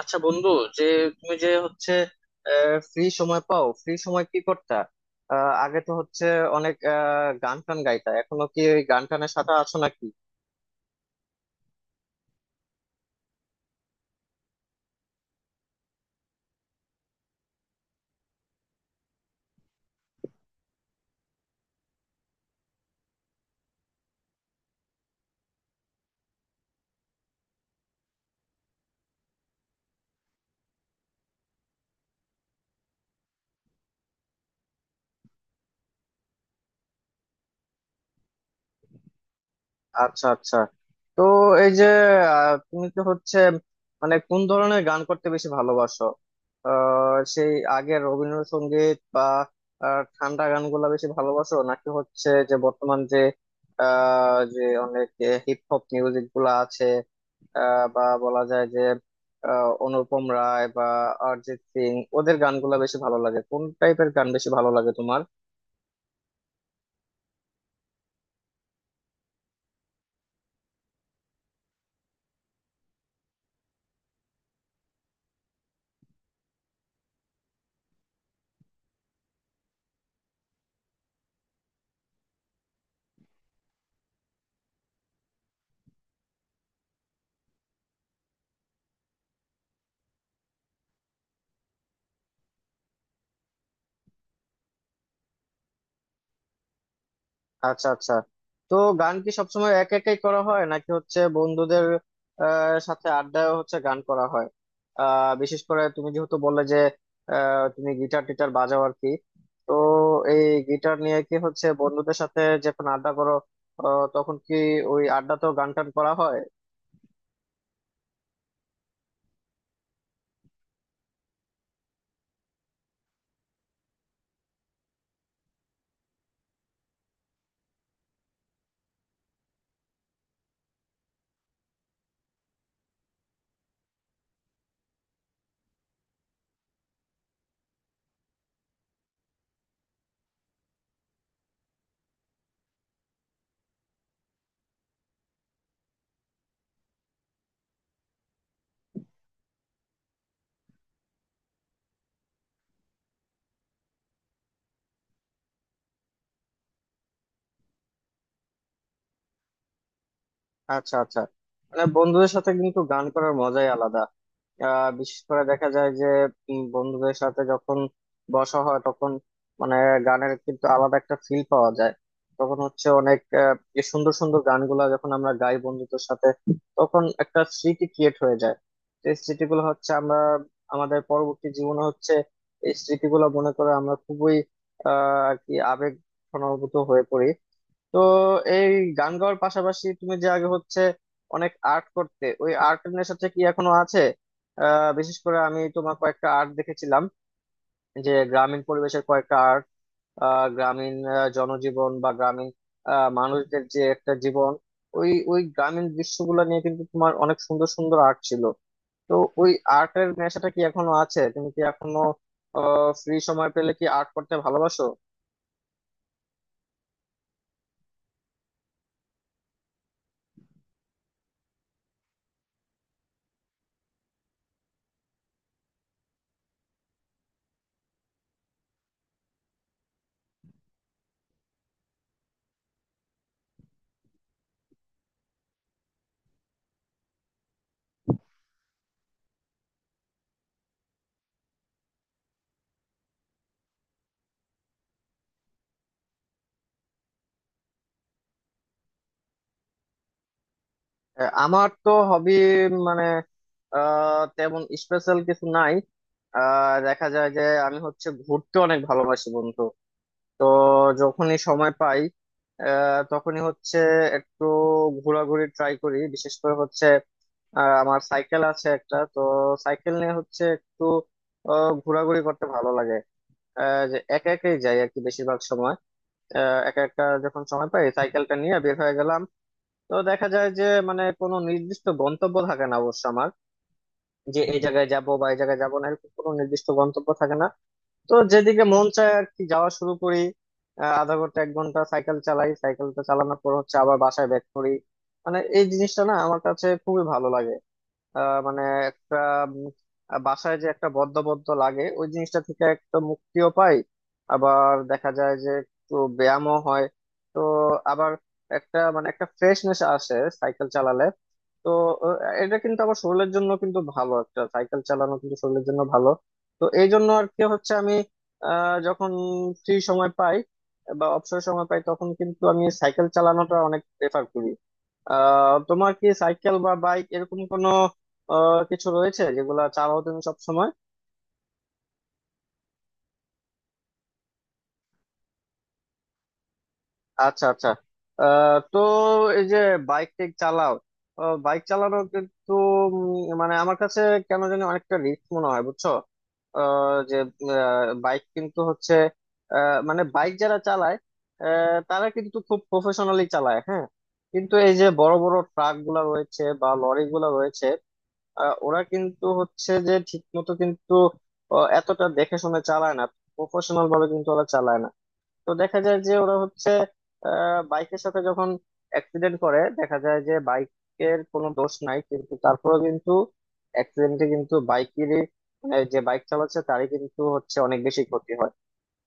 আচ্ছা বন্ধু, যে তুমি যে হচ্ছে ফ্রি সময় পাও, ফ্রি সময় কি করতা? আগে তো অনেক গান টান গাইতা, এখনো কি ওই গান টানের সাথে আছো নাকি? আচ্ছা আচ্ছা। তো এই যে আহ, তুমি কি হচ্ছে মানে কোন ধরনের গান করতে বেশি ভালোবাসো? আহ, সেই আগের রবীন্দ্রসঙ্গীত বা ঠান্ডা গানগুলা বেশি ভালোবাসো, নাকি হচ্ছে যে বর্তমান যে অনেক হিপ হপ মিউজিক গুলা আছে, বা বলা যায় যে অনুপম রায় বা অরিজিৎ সিং, ওদের গানগুলা বেশি ভালো লাগে? কোন টাইপের গান বেশি ভালো লাগে তোমার? আচ্ছা আচ্ছা। তো গান কি সবসময় এক একাই করা হয়, নাকি বন্ধুদের সাথে আড্ডায় গান করা হয়? বিশেষ করে তুমি যেহেতু বললে যে তুমি গিটার টিটার বাজাও আর কি, তো এই গিটার নিয়ে কি বন্ধুদের সাথে যখন আড্ডা করো তখন কি ওই আড্ডাতেও গান টান করা হয়? আচ্ছা আচ্ছা। মানে বন্ধুদের সাথে কিন্তু গান করার মজাই আলাদা। বিশেষ করে দেখা যায় যে বন্ধুদের সাথে যখন বসা হয় তখন মানে গানের কিন্তু আলাদা একটা ফিল পাওয়া যায়। তখন অনেক যে সুন্দর সুন্দর গানগুলা যখন আমরা গাই বন্ধুদের সাথে, তখন একটা স্মৃতি ক্রিয়েট হয়ে যায়। তো এই স্মৃতিগুলো আমরা আমাদের পরবর্তী জীবনে এই স্মৃতিগুলো মনে করে আমরা খুবই আর কি আবেগ ঘনভূত হয়ে পড়ি। তো এই গান গাওয়ার পাশাপাশি তুমি যে আগে অনেক আর্ট করতে, ওই আর্ট নেশাটা কি এখনো আছে? বিশেষ করে আমি তোমার কয়েকটা আর্ট দেখেছিলাম, যে গ্রামীণ পরিবেশের কয়েকটা আর্ট, গ্রামীণ জনজীবন বা গ্রামীণ মানুষদের যে একটা জীবন, ওই ওই গ্রামীণ দৃশ্যগুলো নিয়ে কিন্তু তোমার অনেক সুন্দর সুন্দর আর্ট ছিল। তো ওই আর্টের নেশাটা কি এখনো আছে? তুমি কি এখনো ফ্রি সময় পেলে কি আর্ট করতে ভালোবাসো? আমার তো হবি মানে তেমন স্পেশাল কিছু নাই। দেখা যায় যে আমি ঘুরতে অনেক ভালোবাসি বন্ধু। তো যখনই সময় পাই তখনই একটু ঘোরাঘুরি ট্রাই করি। বিশেষ করে আমার সাইকেল আছে একটা, তো সাইকেল নিয়ে একটু ঘোরাঘুরি করতে ভালো লাগে। যে একা একাই যাই আর কি বেশিরভাগ সময়। একা একা যখন সময় পাই সাইকেলটা নিয়ে বের হয়ে গেলাম। তো দেখা যায় যে মানে কোনো নির্দিষ্ট গন্তব্য থাকে না অবশ্য আমার, যে এই জায়গায় যাব বা এই জায়গায় যাব না, এরকম কোনো নির্দিষ্ট গন্তব্য থাকে না। তো যেদিকে মন চায় আর কি যাওয়া শুরু করি। আধা ঘন্টা এক ঘন্টা সাইকেল চালাই, সাইকেলটা চালানোর পর আবার বাসায় ব্যাক করি। মানে এই জিনিসটা না আমার কাছে খুবই ভালো লাগে। মানে একটা উম, বাসায় যে একটা বদ্ধ বদ্ধ লাগে ওই জিনিসটা থেকে একটা মুক্তিও পাই। আবার দেখা যায় যে একটু ব্যায়ামও হয়। তো আবার একটা মানে একটা ফ্রেশনেস আসে সাইকেল চালালে। তো আহ, এটা কিন্তু আবার শরীরের জন্য কিন্তু ভালো, একটা সাইকেল চালানো কিন্তু শরীরের জন্য ভালো। তো এই জন্য আর কি আমি যখন ফ্রি সময় পাই বা অবসর সময় পাই তখন কিন্তু আমি সাইকেল চালানোটা অনেক প্রেফার করি। তোমার কি সাইকেল বা বাইক এরকম কোনো কিছু রয়েছে যেগুলা চালাও তুমি সব সময়? আচ্ছা আচ্ছা। আহ, তো এই যে বাইক টেক চালাও, বাইক চালানো কিন্তু মানে আমার কাছে কেন জানি অনেকটা রিস্ক মনে হয়, বুঝছো? আহ, যে বাইক কিন্তু মানে বাইক যারা চালায় তারা কিন্তু খুব প্রফেশনালি চালায়, হ্যাঁ। কিন্তু এই যে বড় বড় ট্রাক গুলা রয়েছে বা লরি গুলা রয়েছে, ওরা কিন্তু যে ঠিক মতো কিন্তু এতটা দেখে শুনে চালায় না, প্রফেশনাল ভাবে কিন্তু ওরা চালায় না। তো দেখা যায় যে ওরা বাইকের সাথে যখন অ্যাক্সিডেন্ট করে, দেখা যায় যে বাইকের কোনো দোষ নাই, কিন্তু তারপরেও কিন্তু অ্যাক্সিডেন্টে কিন্তু বাইকেরই মানে যে বাইক চালাচ্ছে তারই কিন্তু অনেক বেশি ক্ষতি হয়।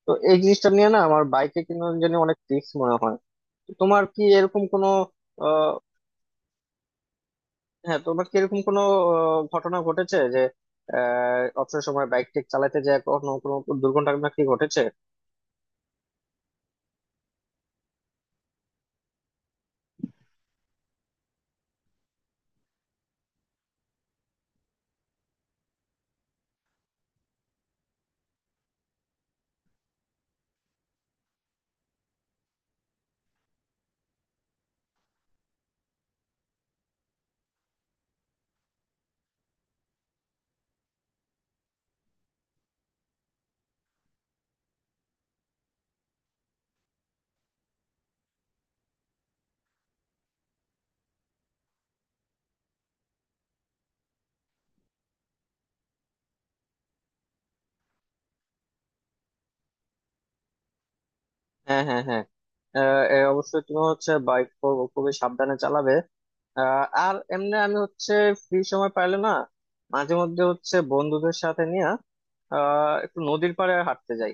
তো এই জিনিসটা নিয়ে না আমার বাইকে কিন্তু জানি অনেক রিস্ক মনে হয়। তো তোমার কি এরকম কোনো হ্যাঁ তোমার কি এরকম কোনো ঘটনা ঘটেছে যে অবসর সময় বাইক টেক চালাতে যায়, কোনো কোনো দুর্ঘটনা কি ঘটেছে? হ্যাঁ হ্যাঁ হ্যাঁ। এ অবশ্যই তুমি বাইক খুবই সাবধানে চালাবে। আর এমনি আমি ফ্রি সময় পাইলে না মাঝে মধ্যে বন্ধুদের সাথে নিয়ে একটু নদীর পাড়ে হাঁটতে যাই।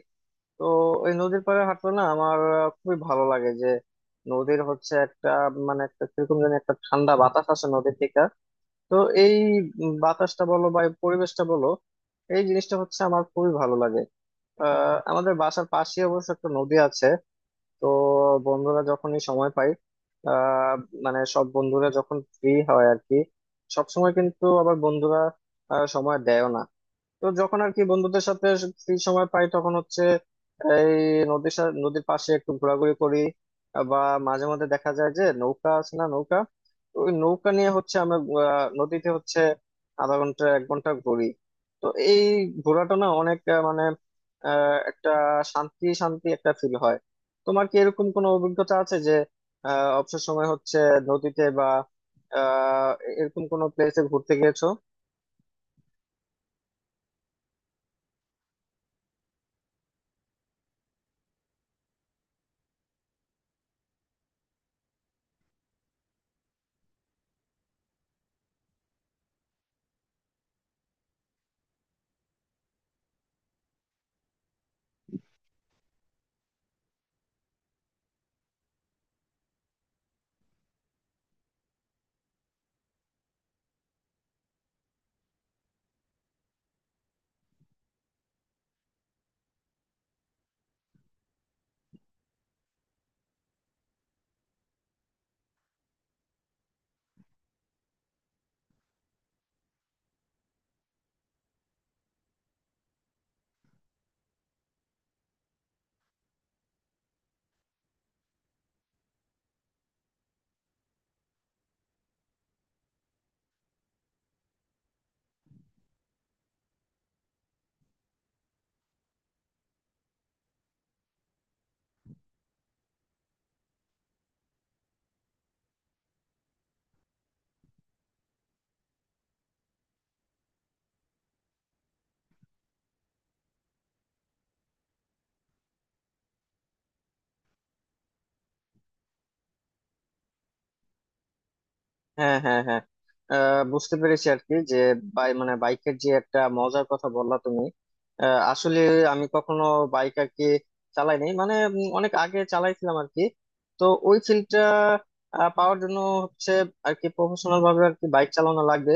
তো ওই নদীর পাড়ে হাঁটলে না আমার খুবই ভালো লাগে। যে নদীর একটা মানে একটা কিরকম যেন একটা ঠান্ডা বাতাস আসে নদীর থেকে। তো এই বাতাসটা বলো বা এই পরিবেশটা বলো, এই জিনিসটা আমার খুবই ভালো লাগে। আমাদের বাসার পাশে অবশ্য একটা নদী আছে। তো বন্ধুরা যখনই সময় পাই আহ মানে সব বন্ধুরা যখন ফ্রি হয় আর কি, সব সময় কিন্তু আবার বন্ধুরা সময় দেয়ও না। তো যখন আর কি বন্ধুদের সাথে ফ্রি সময় পাই তখন এই নদীর পাশে একটু ঘোরাঘুরি করি, বা মাঝে মধ্যে দেখা যায় যে নৌকা আছে না, নৌকা, তো ওই নৌকা নিয়ে আমরা নদীতে আধা ঘন্টা এক ঘন্টা ঘুরি। তো এই ঘোরাটা না অনেক মানে একটা শান্তি শান্তি একটা ফিল হয়। তোমার কি এরকম কোনো অভিজ্ঞতা আছে যে অবসর সময় নদীতে বা আহ এরকম কোনো প্লেসে ঘুরতে গিয়েছো? হ্যাঁ হ্যাঁ হ্যাঁ। বুঝতে পেরেছি আর কি যে বাইকের যে একটা মজার কথা বললা তুমি। আসলে আমি কখনো বাইক আর কি চালাইনি মানে অনেক আগে চালাইছিলাম আর কি। তো ওই ফিল্ডটা পাওয়ার জন্য হচ্ছে আর কি প্রফেশনাল ভাবে আর কি বাইক চালানো লাগবে।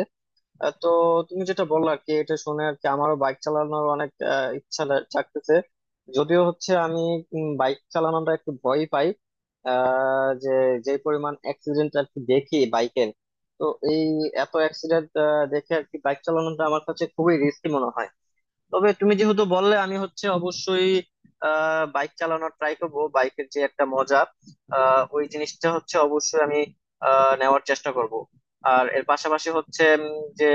তো তুমি যেটা বললা আর কি, এটা শুনে আর কি আমারও বাইক চালানোর অনেক ইচ্ছা জাগতেছে। যদিও আমি বাইক চালানোটা একটু ভয় পাই যে যে পরিমাণ অ্যাক্সিডেন্ট আর কি দেখি বাইকের, তো এই এত অ্যাক্সিডেন্ট দেখে আর কি বাইক চালানোটা আমার কাছে খুবই রিস্কি মনে হয়। তবে তুমি যেহেতু বললে আমি অবশ্যই বাইক চালানোর ট্রাই করব, বাইকের যে একটা মজা ওই জিনিসটা অবশ্যই আমি নেওয়ার চেষ্টা করব। আর এর পাশাপাশি যে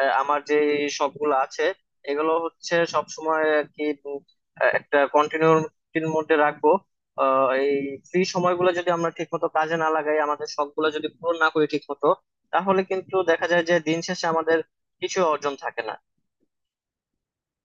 আমার যে শখগুলো আছে এগুলো সব সময় আর কি উম, একটা কন্টিনিউটির মধ্যে রাখবো। এই ফ্রি সময়গুলো যদি আমরা ঠিক মতো কাজে না লাগাই, আমাদের শখগুলো যদি পূরণ না করি ঠিক মতো, তাহলে কিন্তু দেখা যায় যে দিন শেষে আমাদের কিছু অর্জন থাকে না।